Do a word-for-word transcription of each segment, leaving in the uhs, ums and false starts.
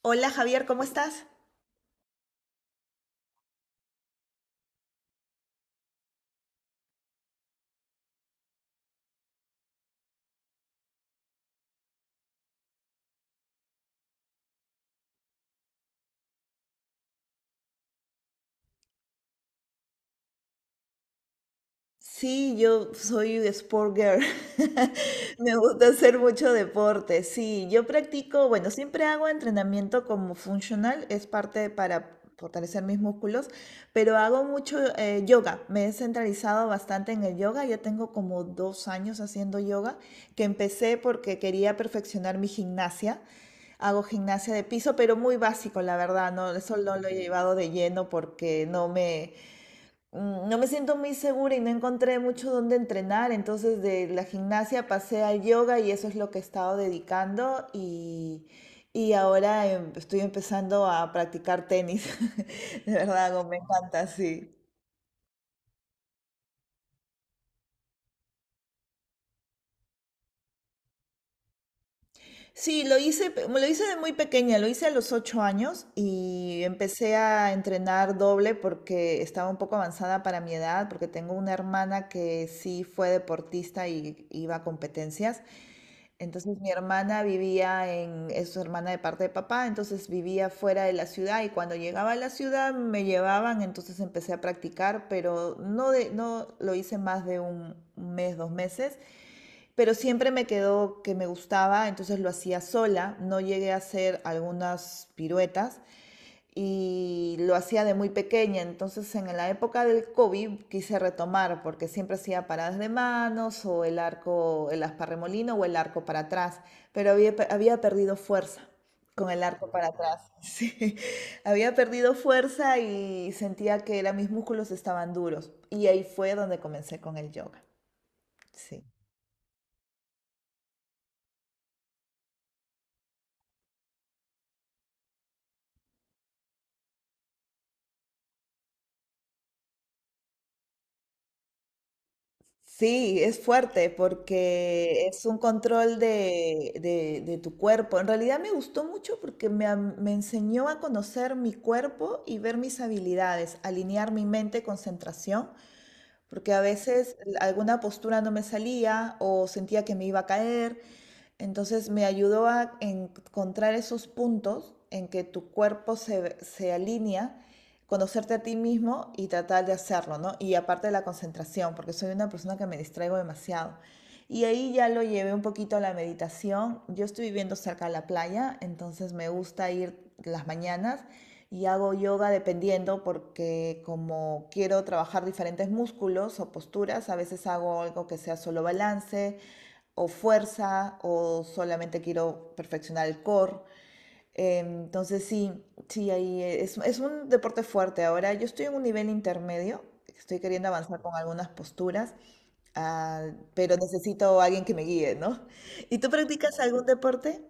Hola Javier, ¿cómo estás? Sí, yo soy sport girl. Me gusta hacer mucho deporte. Sí, yo practico, bueno, siempre hago entrenamiento como funcional, es parte para fortalecer mis músculos, pero hago mucho eh, yoga. Me he centralizado bastante en el yoga. Ya tengo como dos años haciendo yoga, que empecé porque quería perfeccionar mi gimnasia. Hago gimnasia de piso, pero muy básico, la verdad, no, eso no lo he llevado de lleno porque no me, Mm, no me siento muy segura y no encontré mucho donde entrenar, entonces de la gimnasia pasé al yoga y eso es lo que he estado dedicando, y, y ahora em, estoy empezando a practicar tenis. De verdad, como me encanta, sí. Sí, lo hice, pe- lo hice de muy pequeña, lo hice a los ocho años y empecé a entrenar doble porque estaba un poco avanzada para mi edad, porque tengo una hermana que sí fue deportista y iba a competencias. Entonces mi hermana vivía en, es su hermana de parte de papá, entonces vivía fuera de la ciudad y cuando llegaba a la ciudad me llevaban, entonces empecé a practicar, pero no, de, no lo hice más de un mes, dos meses, pero siempre me quedó que me gustaba, entonces lo hacía sola, no llegué a hacer algunas piruetas, y lo hacía de muy pequeña. Entonces, en la época del COVID quise retomar porque siempre hacía paradas de manos o el arco, el asparremolino o el arco para atrás, pero había, había perdido fuerza con el arco para atrás. Sí, había perdido fuerza y sentía que era... mis músculos estaban duros. Y ahí fue donde comencé con el yoga. Sí. Sí, es fuerte porque es un control de, de- de tu cuerpo. En realidad me gustó mucho porque me, am- me enseñó a conocer mi cuerpo y ver mis habilidades, alinear mi mente, concentración, porque a veces alguna postura no me salía o sentía que me iba a caer. Entonces me ayudó a encontrar esos puntos en que tu cuerpo se, se alinea, conocerte a ti mismo y tratar de hacerlo, ¿no? Y aparte de la concentración, porque soy una persona que me distraigo demasiado. Y ahí ya lo llevé un poquito a la meditación. Yo estoy viviendo cerca de la playa, entonces me gusta ir las mañanas y hago yoga dependiendo, porque como quiero trabajar diferentes músculos o posturas, a veces hago algo que sea solo balance o fuerza, o solamente quiero perfeccionar el core. Eh, Entonces sí, sí, ahí es, es un deporte fuerte. Ahora yo estoy en un nivel intermedio, estoy queriendo avanzar con algunas posturas, ah, pero necesito a alguien que me guíe, ¿no? ¿Y tú practicas algún deporte?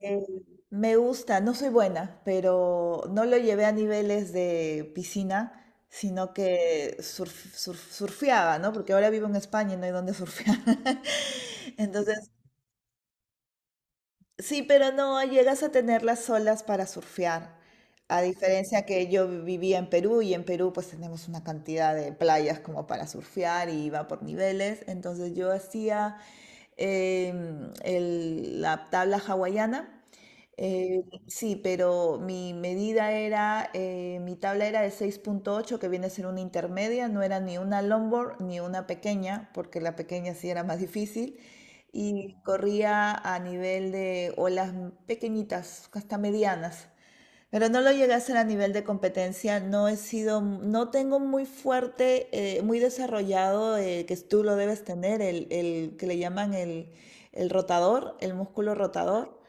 Eh, me gusta, no soy buena, pero no lo llevé a niveles de piscina, sino que surf- surf- surfeaba, ¿no? Porque ahora vivo en España y no hay donde surfear. Entonces, sí, pero no llegas a tener las olas para surfear. A diferencia que yo vivía en Perú, y en Perú pues tenemos una cantidad de playas como para surfear y va por niveles. Entonces yo hacía em, el- la tabla hawaiana. Eh, sí, pero mi medida era, eh, mi tabla era de seis punto ocho, que viene a ser una intermedia, no era ni una longboard ni una pequeña, porque la pequeña sí era más difícil y corría a nivel de olas m- pequeñitas, hasta medianas. Pero no lo llegué a hacer a nivel de competencia, no he sido, no tengo muy fuerte, eh, muy desarrollado, eh, que tú lo debes tener, el, el que le llaman el, el rotador, el músculo rotador,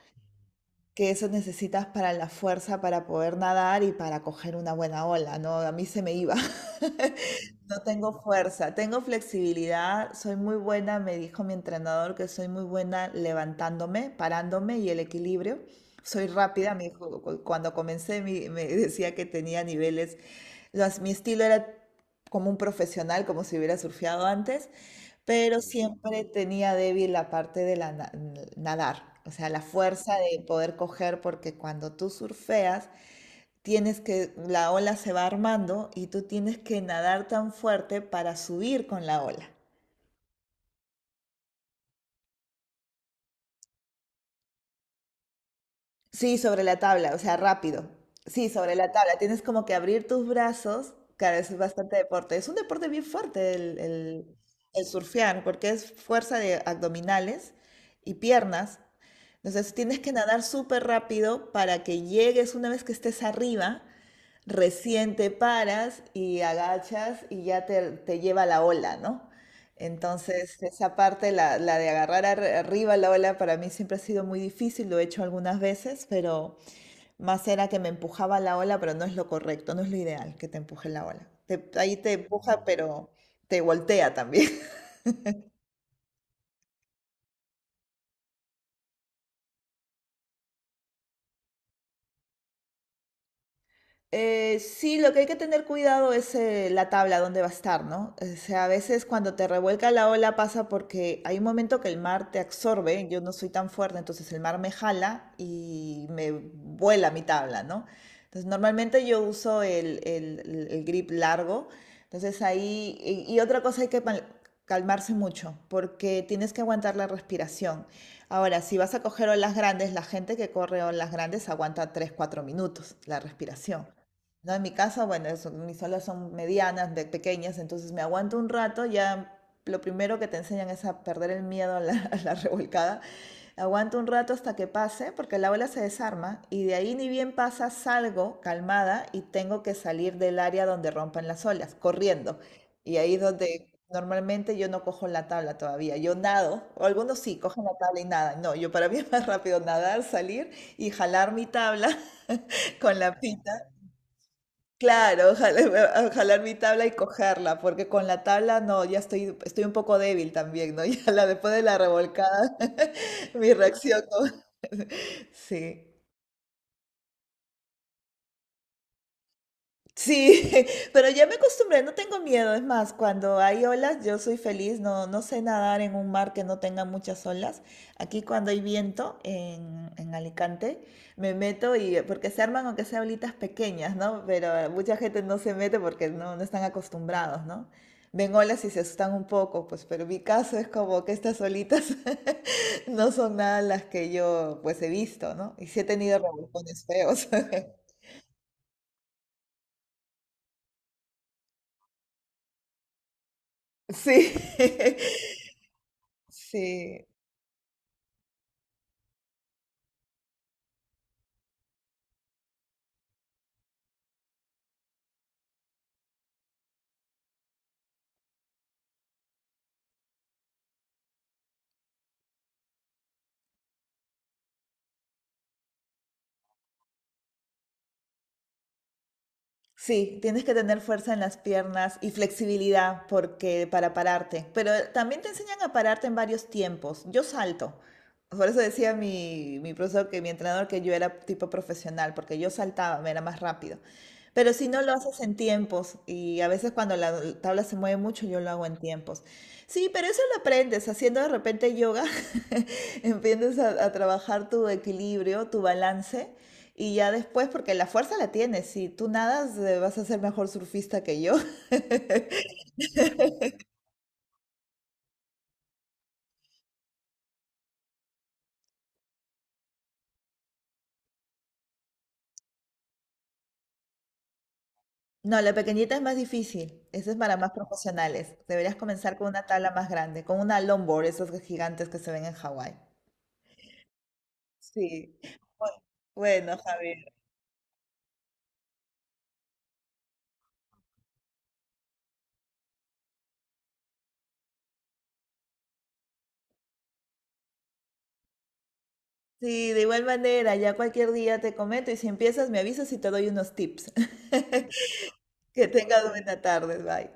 que eso necesitas para la fuerza para poder nadar y para coger una buena ola, ¿no? A mí se me iba. No tengo fuerza, tengo flexibilidad, soy muy buena, me dijo mi entrenador que soy muy buena levantándome, parándome y el equilibrio. Soy rápida, me dijo, cu- cuando comencé mi- me decía que tenía niveles, las- mi estilo era como un profesional, como si hubiera surfeado antes, pero siempre tenía débil la parte de la na- nadar, o sea, la fuerza de poder coger, porque cuando tú surfeas, tienes que, la ola se va armando y tú tienes que nadar tan fuerte para subir con la ola. Sí, sobre la tabla, o sea, rápido. Sí, sobre la tabla. Tienes como que abrir tus brazos. Claro, eso es bastante deporte. Es un deporte bien fuerte el, el- el surfear, porque es fuerza de abdominales y piernas. Entonces tienes que nadar súper rápido para que llegues una vez que estés arriba, recién te paras y agachas y ya te, te lleva la ola, ¿no? Entonces, esa parte, la, la de agarrar arri- arriba la ola, para mí siempre ha sido muy difícil, lo he hecho algunas veces, pero más era que me empujaba la ola, pero no es lo correcto, no es lo ideal que te empuje la ola. Te- ahí te empuja, pero te voltea también. Eh, sí, lo que hay que tener cuidado es eh, la tabla donde va a estar, ¿no? O sea, a veces cuando te revuelca la ola pasa porque hay un momento que el mar te absorbe, yo no soy tan fuerte, entonces el mar me jala y me vuela mi tabla, ¿no? Entonces normalmente yo uso el, el- el- el grip largo, entonces ahí, y, y otra cosa hay que mal- calmarse mucho, porque tienes que aguantar la respiración. Ahora, si vas a coger olas grandes, la gente que corre olas grandes aguanta tres, cuatro minutos la respiración. No, en mi casa, bueno, eso, mis salas son medianas, de pequeñas, entonces me aguanto un rato, ya lo primero que te enseñan es a perder el miedo a la, a la revolcada. Aguanto un rato hasta que pase, porque la ola se desarma, y de ahí ni bien pasa, salgo calmada y tengo que salir del área donde rompan las olas, corriendo. Y ahí es donde normalmente yo no cojo la tabla todavía, yo nado, o algunos sí cogen la tabla y nadan. No, yo para mí es más rápido nadar, salir y jalar mi tabla con la pita. Claro, jalar, jalar mi tabla y cogerla, porque con la tabla no, ya estoy, estoy un poco débil también, ¿no? Ya la, después de la revolcada, mi reacción, ¿no? Sí. Sí, pero ya me acostumbré, no tengo miedo. Es más, cuando hay olas, yo soy feliz. No, no sé nadar en un mar que no tenga muchas olas. Aquí cuando hay viento en, en Alicante, me meto, y porque se arman aunque sea olitas pequeñas, ¿no? Pero eh, mucha gente no se mete porque no, no están acostumbrados, ¿no? Ven olas y se asustan un poco, pues, pero mi caso es como que estas olitas no son nada las que yo, pues, he visto, ¿no? Y sí he tenido revolcones feos. Sí, sí, sí, tienes que tener fuerza en las piernas y flexibilidad porque para pararte, pero también te enseñan a pararte en varios tiempos. Yo salto. Por eso decía mi, mi profesor, que mi entrenador, que yo era tipo profesional, porque yo saltaba, me era más rápido. Pero si no lo haces en tiempos, y a veces cuando la tabla se mueve mucho, yo lo hago en tiempos. Sí, pero eso lo aprendes haciendo de repente yoga, empiezas a, a trabajar tu equilibrio, tu balance, y ya después, porque la fuerza la tienes, si tú nadas eh, vas a ser mejor surfista que yo. No, la pequeñita es más difícil, esa es para más profesionales. Deberías comenzar con una tabla más grande, con una longboard, esas gigantes que se ven en Hawái. Sí. Bu- Bueno, Javier. Sí, de igual manera, ya cualquier día te comento, y si empiezas me avisas y te doy unos tips. Que tengas buena tarde, bye.